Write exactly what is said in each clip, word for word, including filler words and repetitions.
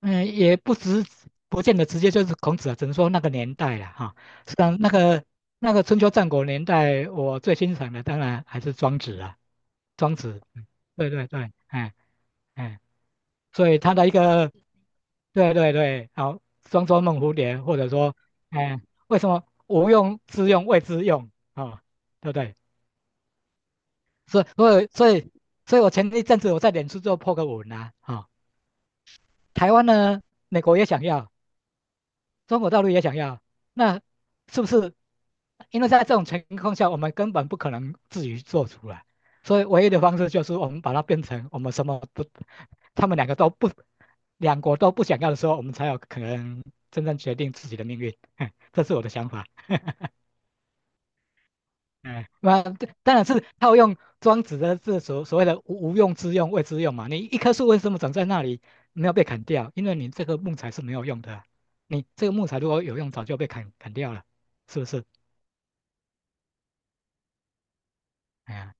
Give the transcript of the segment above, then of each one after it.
嗯，也不直，不见得直接就是孔子啊，只能说那个年代了哈。实际上，那个那个春秋战国年代，我最欣赏的当然还是庄子啊。庄子，嗯对对对，哎哎，所以他的一个，对对对，好，庄周梦蝴蝶，或者说，哎，为什么无用之用谓之用啊、哦，对不对？所以所以所以，所以我前一阵子我在脸书就破个文啊。啊、台湾呢，美国也想要，中国道路也想要，那是不是？因为在这种情况下，我们根本不可能自己做出来，所以唯一的方式就是我们把它变成我们什么不，他们两个都不，两国都不想要的时候，我们才有可能真正决定自己的命运。这是我的想法。哎，那当然是套用庄子的这所所谓的无无用之用、谓之用嘛。你一棵树为什么长在那里没有被砍掉？因为你这个木材是没有用的啊，你这个木材如果有用，早就被砍砍掉了，是不是？哎呀，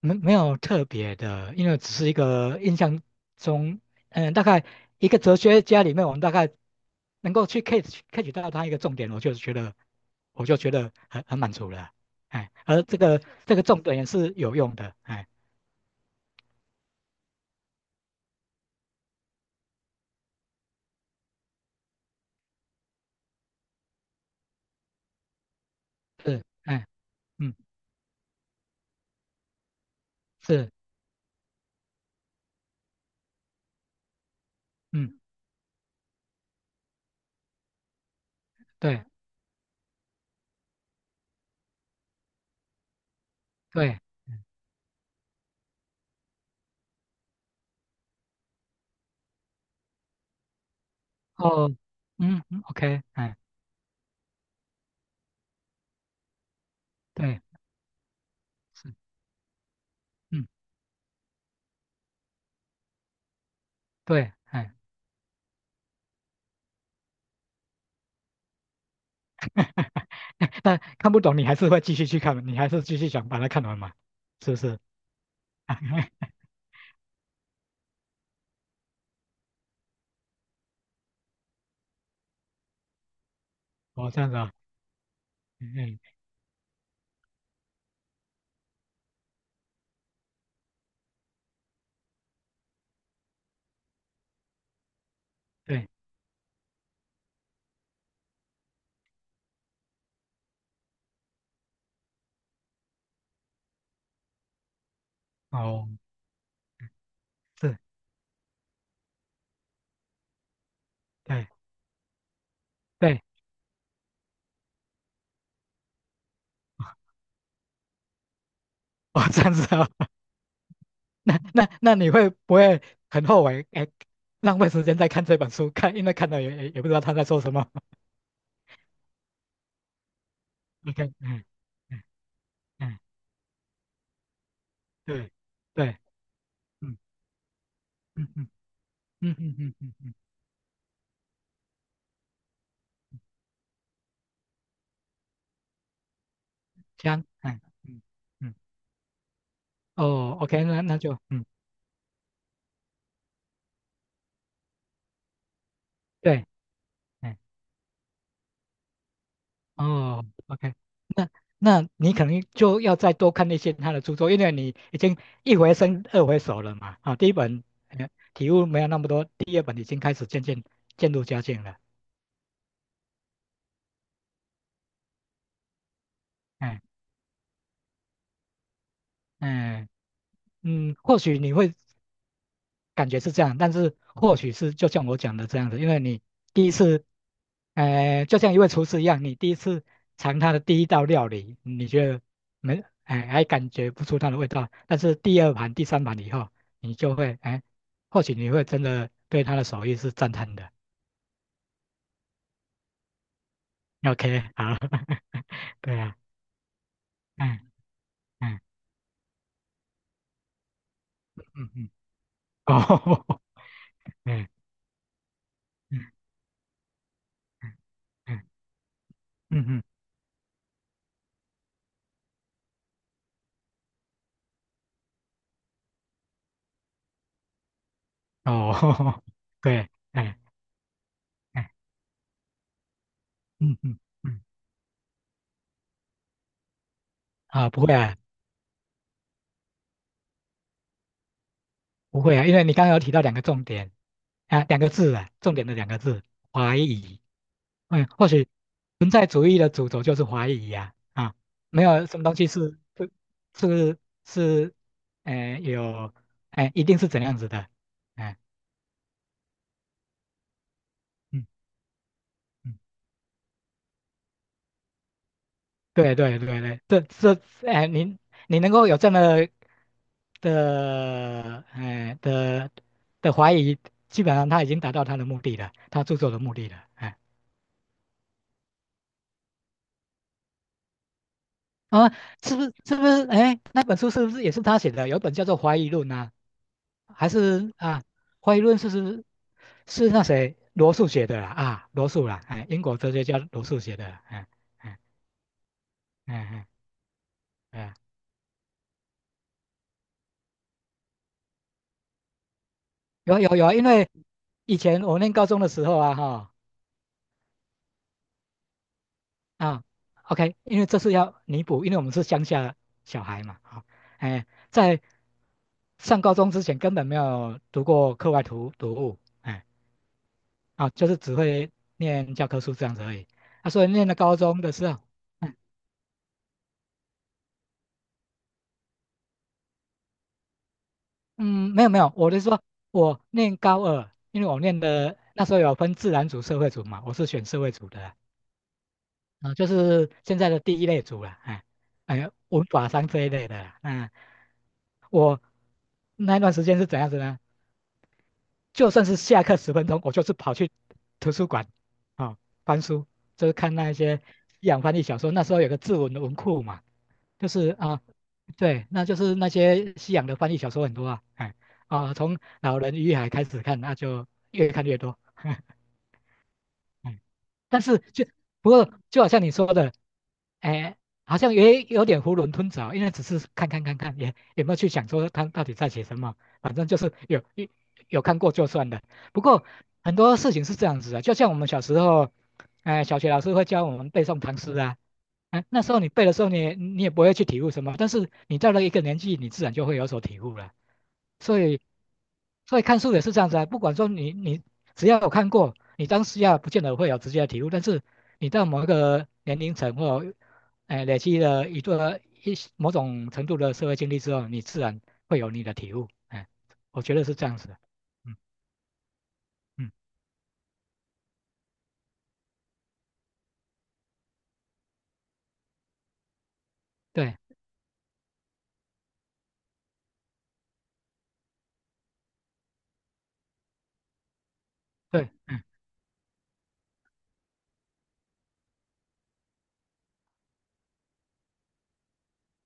没没有特别的，因为只是一个印象中。嗯，大概一个哲学家里面，我们大概能够去 catch catch 到他一个重点，我就觉得我就觉得很很满足了啊。哎，而这个这个重点也是有用的，哎。是，哎，嗯，是，嗯，对对，哦，嗯嗯，OK，哎，对，是，嗯，对，哎，那看不懂你还是会继续去看，你还是继续想把它看完嘛，是不是？哦，这样子啊，嗯，嗯对，哦，是，对对，哦，这样子啊，那那那你会不会很后悔？哎，浪费时间在看这本书，看因为看到也也也不知道他在说什么。OK，嗯嗯嗯，对对，嗯嗯嗯嗯嗯嗯嗯嗯。这样，嗯嗯嗯，哦，OK，那那就嗯，对，嗯，哦，OK，那那你可能就要再多看一些他的著作，因为你已经一回生二回熟了嘛。啊，第一本呃体悟没有那么多，第二本已经开始渐渐渐入佳境了。嗯嗯嗯，或许你会感觉是这样，但是或许是就像我讲的这样子，因为你第一次，呃，就像一位厨师一样，你第一次尝他的第一道料理，你觉得没，哎，还感觉不出它的味道，但是第二盘、第三盘以后，你就会，哎，或许你会真的对他的手艺是赞叹的。OK，好。对啊，嗯嗯嗯嗯，哦，嗯嗯嗯嗯嗯，哦，对，哎哎嗯嗯嗯，啊，不会啊。不会啊，因为你刚刚有提到两个重点啊，两个字啊，重点的两个字，怀疑。嗯，或许存在主义的主轴就是怀疑呀。啊，啊没有什么东西是是是是，呃，有，哎、一定是怎样子的，哎、嗯嗯，对对对对，这这，哎、你你能够有这么的，哎、呃的的怀疑，基本上他已经达到他的目的了，他著作的目的了。哎、啊，是不是是不是？哎，那本书是不是也是他写的？有一本叫做《怀疑论》啊，还是啊，《怀疑论》是是是那谁罗素写的啦。啊，罗素啦，哎，英国哲学家罗素写的啦。哎哎哎哎，哎有有有，因为以前我念高中的时候啊，哈啊，OK，因为这是要弥补，因为我们是乡下小孩嘛。啊，哎，在上高中之前根本没有读过课外读读物，哎。啊，就是只会念教科书这样子而已。啊，所以念了高中的时候，嗯嗯没有没有，我是说我念高二，因为我念的那时候有分自然组、社会组嘛，我是选社会组的啦，啊，就是现在的第一类组啦。哎哎，文法商这一类的啦。那、我那一段时间是怎样子呢？就算是下课十分钟，我就是跑去图书馆，啊、哦翻书，就是看那一些西洋翻译小说。那时候有个志文的文库嘛，就是啊，对，那就是那些西洋的翻译小说很多啊。哎啊，从《老人与海》开始看，那就越看越多。哎但是就不过就好像你说的，哎，好像也有点囫囵吞枣，因为只是看看看看，也也没有去想说他到底在写什么，反正就是有有有看过就算了。不过很多事情是这样子的，就像我们小时候，哎，小学老师会教我们背诵唐诗啊。哎，那时候你背的时候你也你也不会去体悟什么，但是你到了一个年纪，你自然就会有所体悟了。所以所以看书也是这样子啊，不管说你你只要有看过，你当下不见得会有直接的体悟，但是你到某一个年龄层，或哎累积了一个一某种程度的社会经历之后，你自然会有你的体悟。哎，我觉得是这样子的。嗯嗯，对对，嗯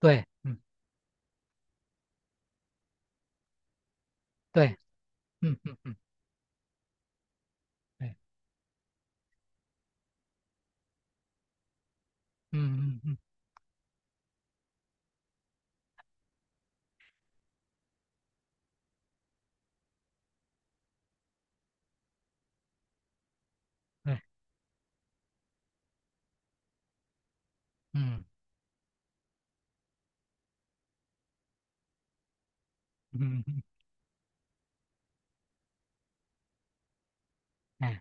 对，嗯对，嗯嗯嗯对，嗯嗯嗯对，嗯嗯嗯嗯哎嗯。嗯嗯嗯嗯嗯嗯嗯嗯嗯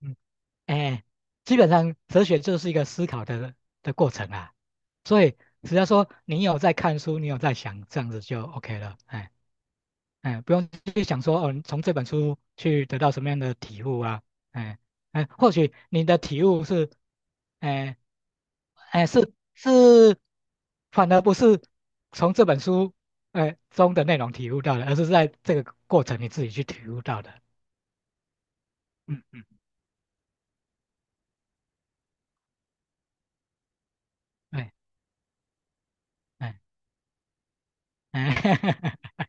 嗯哎，基本上哲学就是一个思考的的过程啊。所以只要说你有在看书，你有在想，这样子就 OK 了。哎哎，不用去想说哦，你从这本书去得到什么样的体悟啊。哎哎，或许你的体悟是，哎哎是是。反而不是从这本书哎中的内容体悟到的，而是在这个过程你自己去体悟到的。嗯嗯，哎哎哎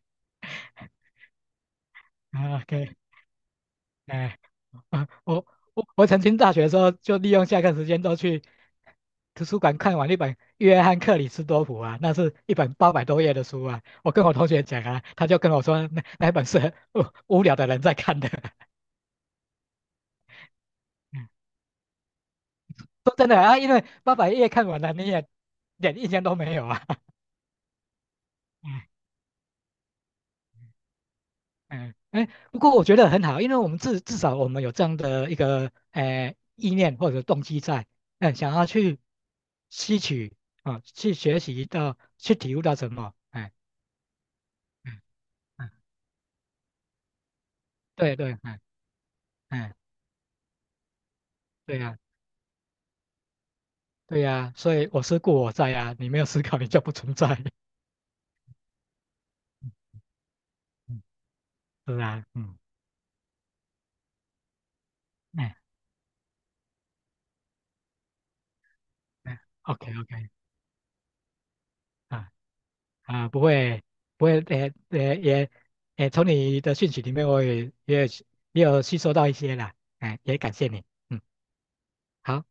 ，OK。哎，啊啊我我我曾经大学的时候就利用下课时间都去图书馆看完一本《约翰克里斯多普》啊，那是一本八百多页的书啊。我跟我同学讲啊，他就跟我说那那本是无无聊的人在看的。嗯说真的啊，因为八百页看完了，你也点印象都没有啊。嗯，哎，不过我觉得很好，因为我们至至少我们有这样的一个呃意念或者动机在。嗯，想要去吸取啊，去学习到，去体悟到什么，哎，嗯嗯，对对，哎哎，对呀、对呀、所以我思故我在呀。你没有思考，你就不存在。嗯，是啊，嗯，哎哎，OK OK。啊。啊，不会，不会，呃呃也，也从你的讯息里面，我也也有也有吸收到一些啦，哎、也感谢你，嗯，好。